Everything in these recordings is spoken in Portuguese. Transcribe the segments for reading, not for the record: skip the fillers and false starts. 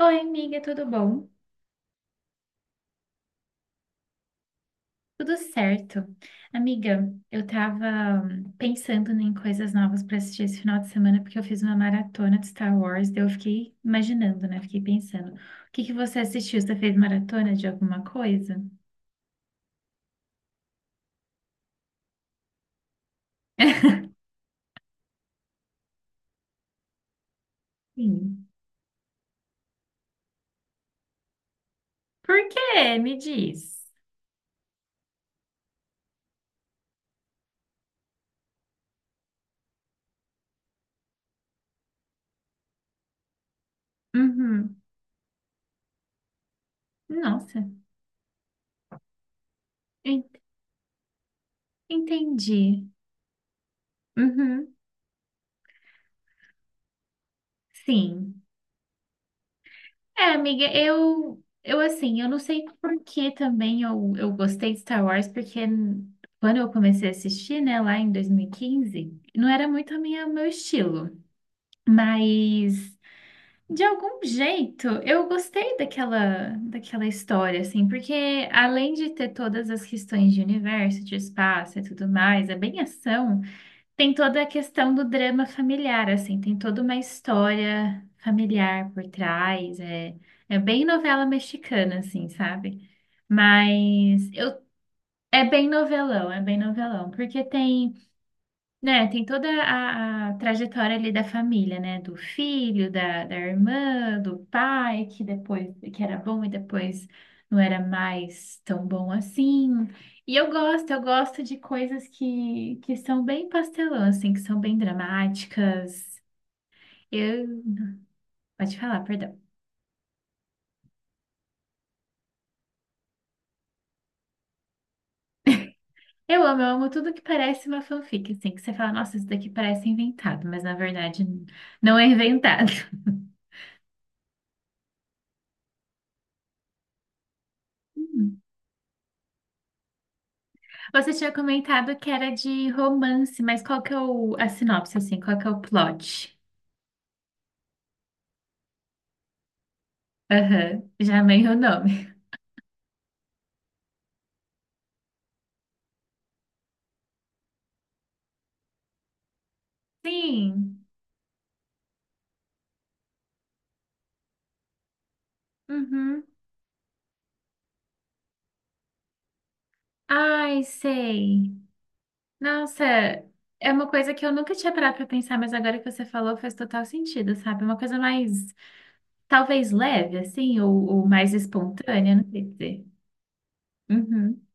Oi, amiga, tudo bom? Tudo certo. Amiga, eu tava pensando em coisas novas para assistir esse final de semana, porque eu fiz uma maratona de Star Wars, daí eu fiquei imaginando, né? Fiquei pensando. O que que você assistiu? Você fez maratona de alguma coisa? Sim. Por quê? Me diz. Uhum. Nossa, en- entendi. Uhum. Sim. É, amiga, eu assim, eu não sei por que também eu gostei de Star Wars, porque quando eu comecei a assistir, né, lá em 2015, não era muito a minha, o meu estilo, mas de algum jeito eu gostei daquela história, assim, porque além de ter todas as questões de universo, de espaço e tudo mais, é bem ação, tem toda a questão do drama familiar, assim, tem toda uma história familiar por trás, é, é bem novela mexicana, assim, sabe? Mas eu, é bem novelão, porque tem né, tem toda a trajetória ali da família, né? Do filho, da irmã, do pai, que depois que era bom e depois não era mais tão bom assim. E eu gosto de coisas que são bem pastelão, assim, que são bem dramáticas. Eu, Pode falar, perdão. Eu amo tudo que parece uma fanfic, assim, que você fala, nossa, isso daqui parece inventado, mas na verdade não é inventado. Você tinha comentado que era de romance, mas qual que é o, a sinopse, assim? Qual que é o plot? Aham, já amei o nome. Sim. Uhum. Ai, sei. Nossa, é uma coisa que eu nunca tinha parado pra pensar, mas agora que você falou faz total sentido, sabe? Uma coisa mais, talvez leve, assim, ou mais espontânea, não sei dizer. Uhum.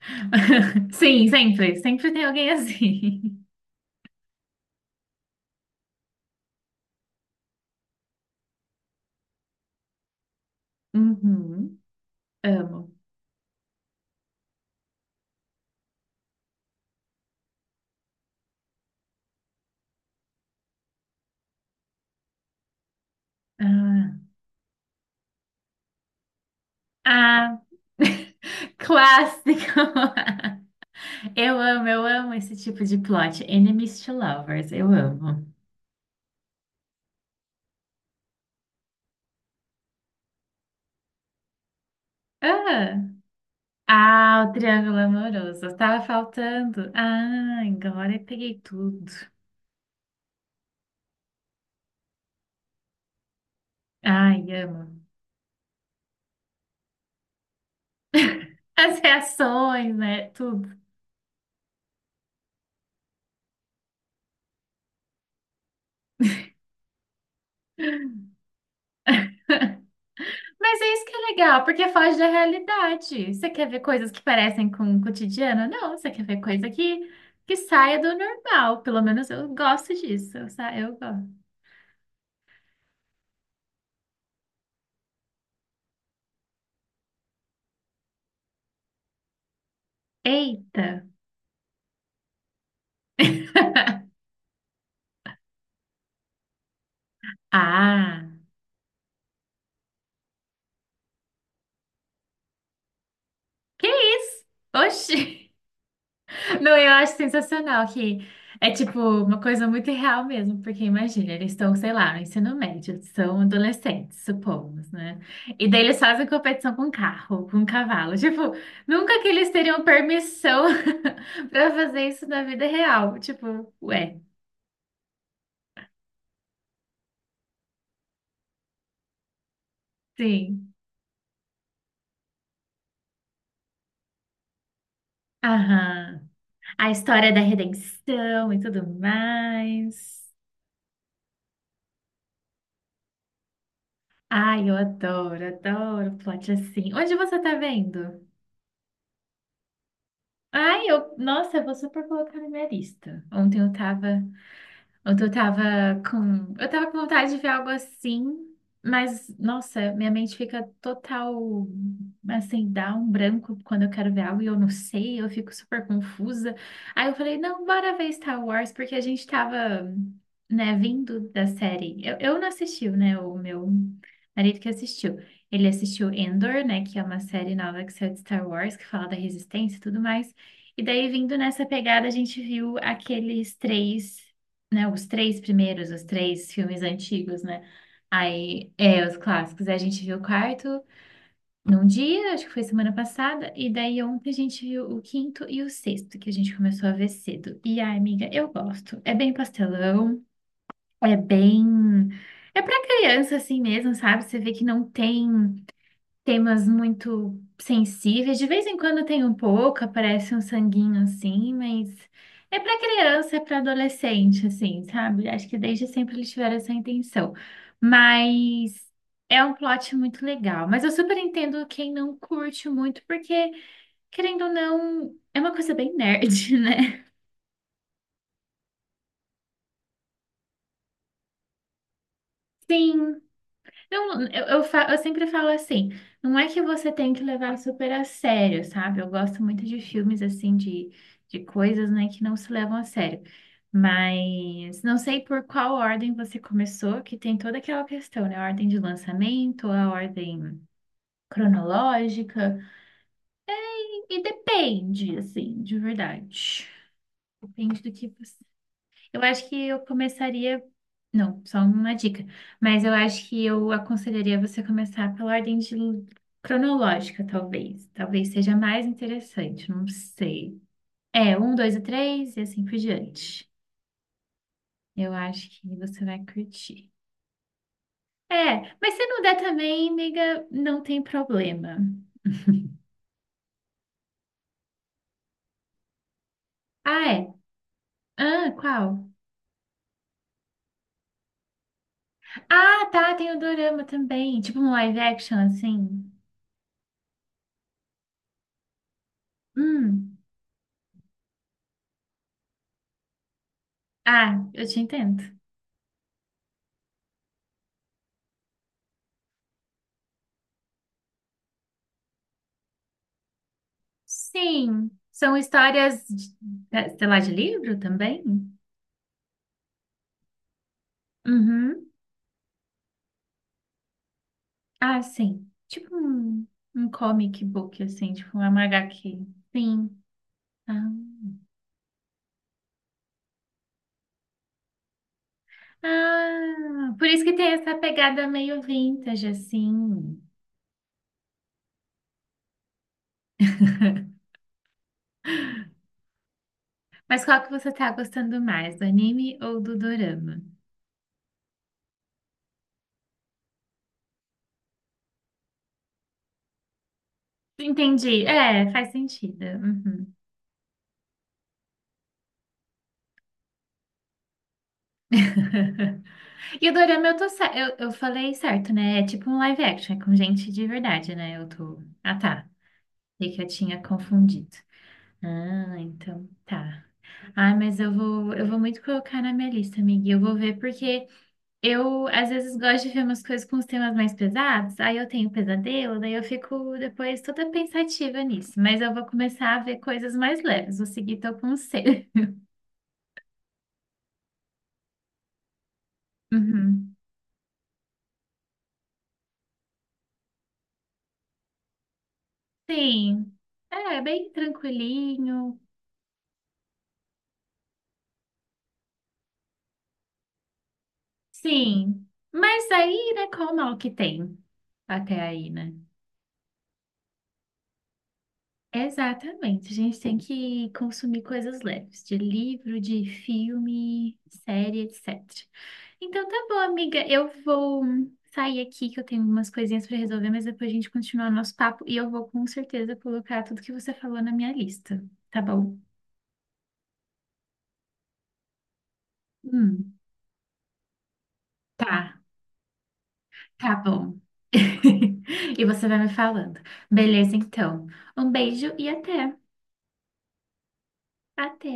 Sim, sempre. Sempre tem alguém assim. Uhum. Amo. Ah. Ah, clássico! Eu amo esse tipo de plot. Enemies to lovers, eu amo. Ah, o triângulo amoroso. Estava faltando. Ah, agora eu peguei tudo. Ai, amo. As reações, né? Tudo. Mas é isso que é legal, porque foge da realidade. Você quer ver coisas que parecem com o cotidiano? Não, você quer ver coisa que saia do normal. Pelo menos eu gosto disso. Eu gosto. Eita! Ah! Que isso? Oxi! Não, eu acho sensacional que é tipo uma coisa muito real mesmo, porque imagina, eles estão, sei lá, no ensino médio, são adolescentes, supomos, né? E daí eles fazem competição com carro, com cavalo. Tipo, nunca que eles teriam permissão para fazer isso na vida real. Tipo, ué, sim. Aham. A história da redenção e tudo mais. Ai, eu adoro, adoro plot assim. Onde você tá vendo? Ai, eu, nossa, eu vou super colocar na minha lista. Ontem eu tava com. Eu tava com vontade de ver algo assim, mas, nossa, minha mente fica total. Assim, dá um branco quando eu quero ver algo e eu não sei, eu fico super confusa. Aí eu falei, não, bora ver Star Wars, porque a gente tava, né, vindo da série. Eu não assisti, né? O meu marido que assistiu. Ele assistiu Endor, né? Que é uma série nova que saiu de Star Wars, que fala da resistência e tudo mais. E daí, vindo nessa pegada, a gente viu os três primeiros, os três filmes antigos, né? Aí, é, os clássicos. Aí a gente viu o quarto num dia, acho que foi semana passada, e daí ontem a gente viu o quinto e o sexto, que a gente começou a ver cedo. E ai, amiga, eu gosto. É bem pastelão, é bem. É pra criança assim mesmo, sabe? Você vê que não tem temas muito sensíveis. De vez em quando tem um pouco, aparece um sanguinho assim, mas é para criança, é para adolescente, assim, sabe? Acho que desde sempre eles tiveram essa intenção. Mas é um plot muito legal. Mas eu super entendo quem não curte muito, porque, querendo ou não, é uma coisa bem nerd, né? Sim. Não, eu sempre falo assim, não é que você tem que levar super a sério, sabe? Eu gosto muito de filmes assim, de coisas, né, que não se levam a sério. Mas não sei por qual ordem você começou, que tem toda aquela questão, né? A ordem de lançamento, a ordem cronológica. E depende, assim, de verdade. Depende do que você. Eu acho que eu começaria. Não, só uma dica. Mas eu acho que eu aconselharia você começar pela ordem de cronológica, talvez. Talvez seja mais interessante, não sei. É, um, dois e três, e assim por diante. Eu acho que você vai curtir. É, mas se não der também, amiga, não tem problema. Ah, é? Ah, qual? Ah, tá, tem o dorama também. Tipo um live action, assim. Hum. Ah, eu te entendo. Sim, são histórias, sei lá, de livro também? Uhum. Ah, sim. Tipo um, um comic book, assim, tipo um MHQ. Sim. Ah. Ah, por isso que tem essa pegada meio vintage, assim. Mas qual que você tá gostando mais, do anime ou do dorama? Entendi. É, faz sentido. Uhum. E o dorama eu tô. Eu falei certo, né? É tipo um live action, é com gente de verdade, né? Eu tô. Ah, tá. E que eu tinha confundido. Ah, então tá. Ah, mas eu vou muito colocar na minha lista, amiga. Eu vou ver porque eu às vezes gosto de ver umas coisas com os temas mais pesados. Aí eu tenho pesadelo, daí eu fico depois toda pensativa nisso. Mas eu vou começar a ver coisas mais leves. Vou seguir teu conselho. Uhum. Sim. É, bem tranquilinho. Sim, mas aí, né, qual o mal que tem até aí, né? Exatamente, a gente tem que consumir coisas leves, de livro, de filme, série, etc. Então tá bom, amiga, eu vou sair aqui que eu tenho umas coisinhas para resolver, mas depois a gente continua o nosso papo e eu vou com certeza colocar tudo que você falou na minha lista, tá bom? Hum, tá, tá bom. E você vai me falando. Beleza, então. Um beijo e até. Até.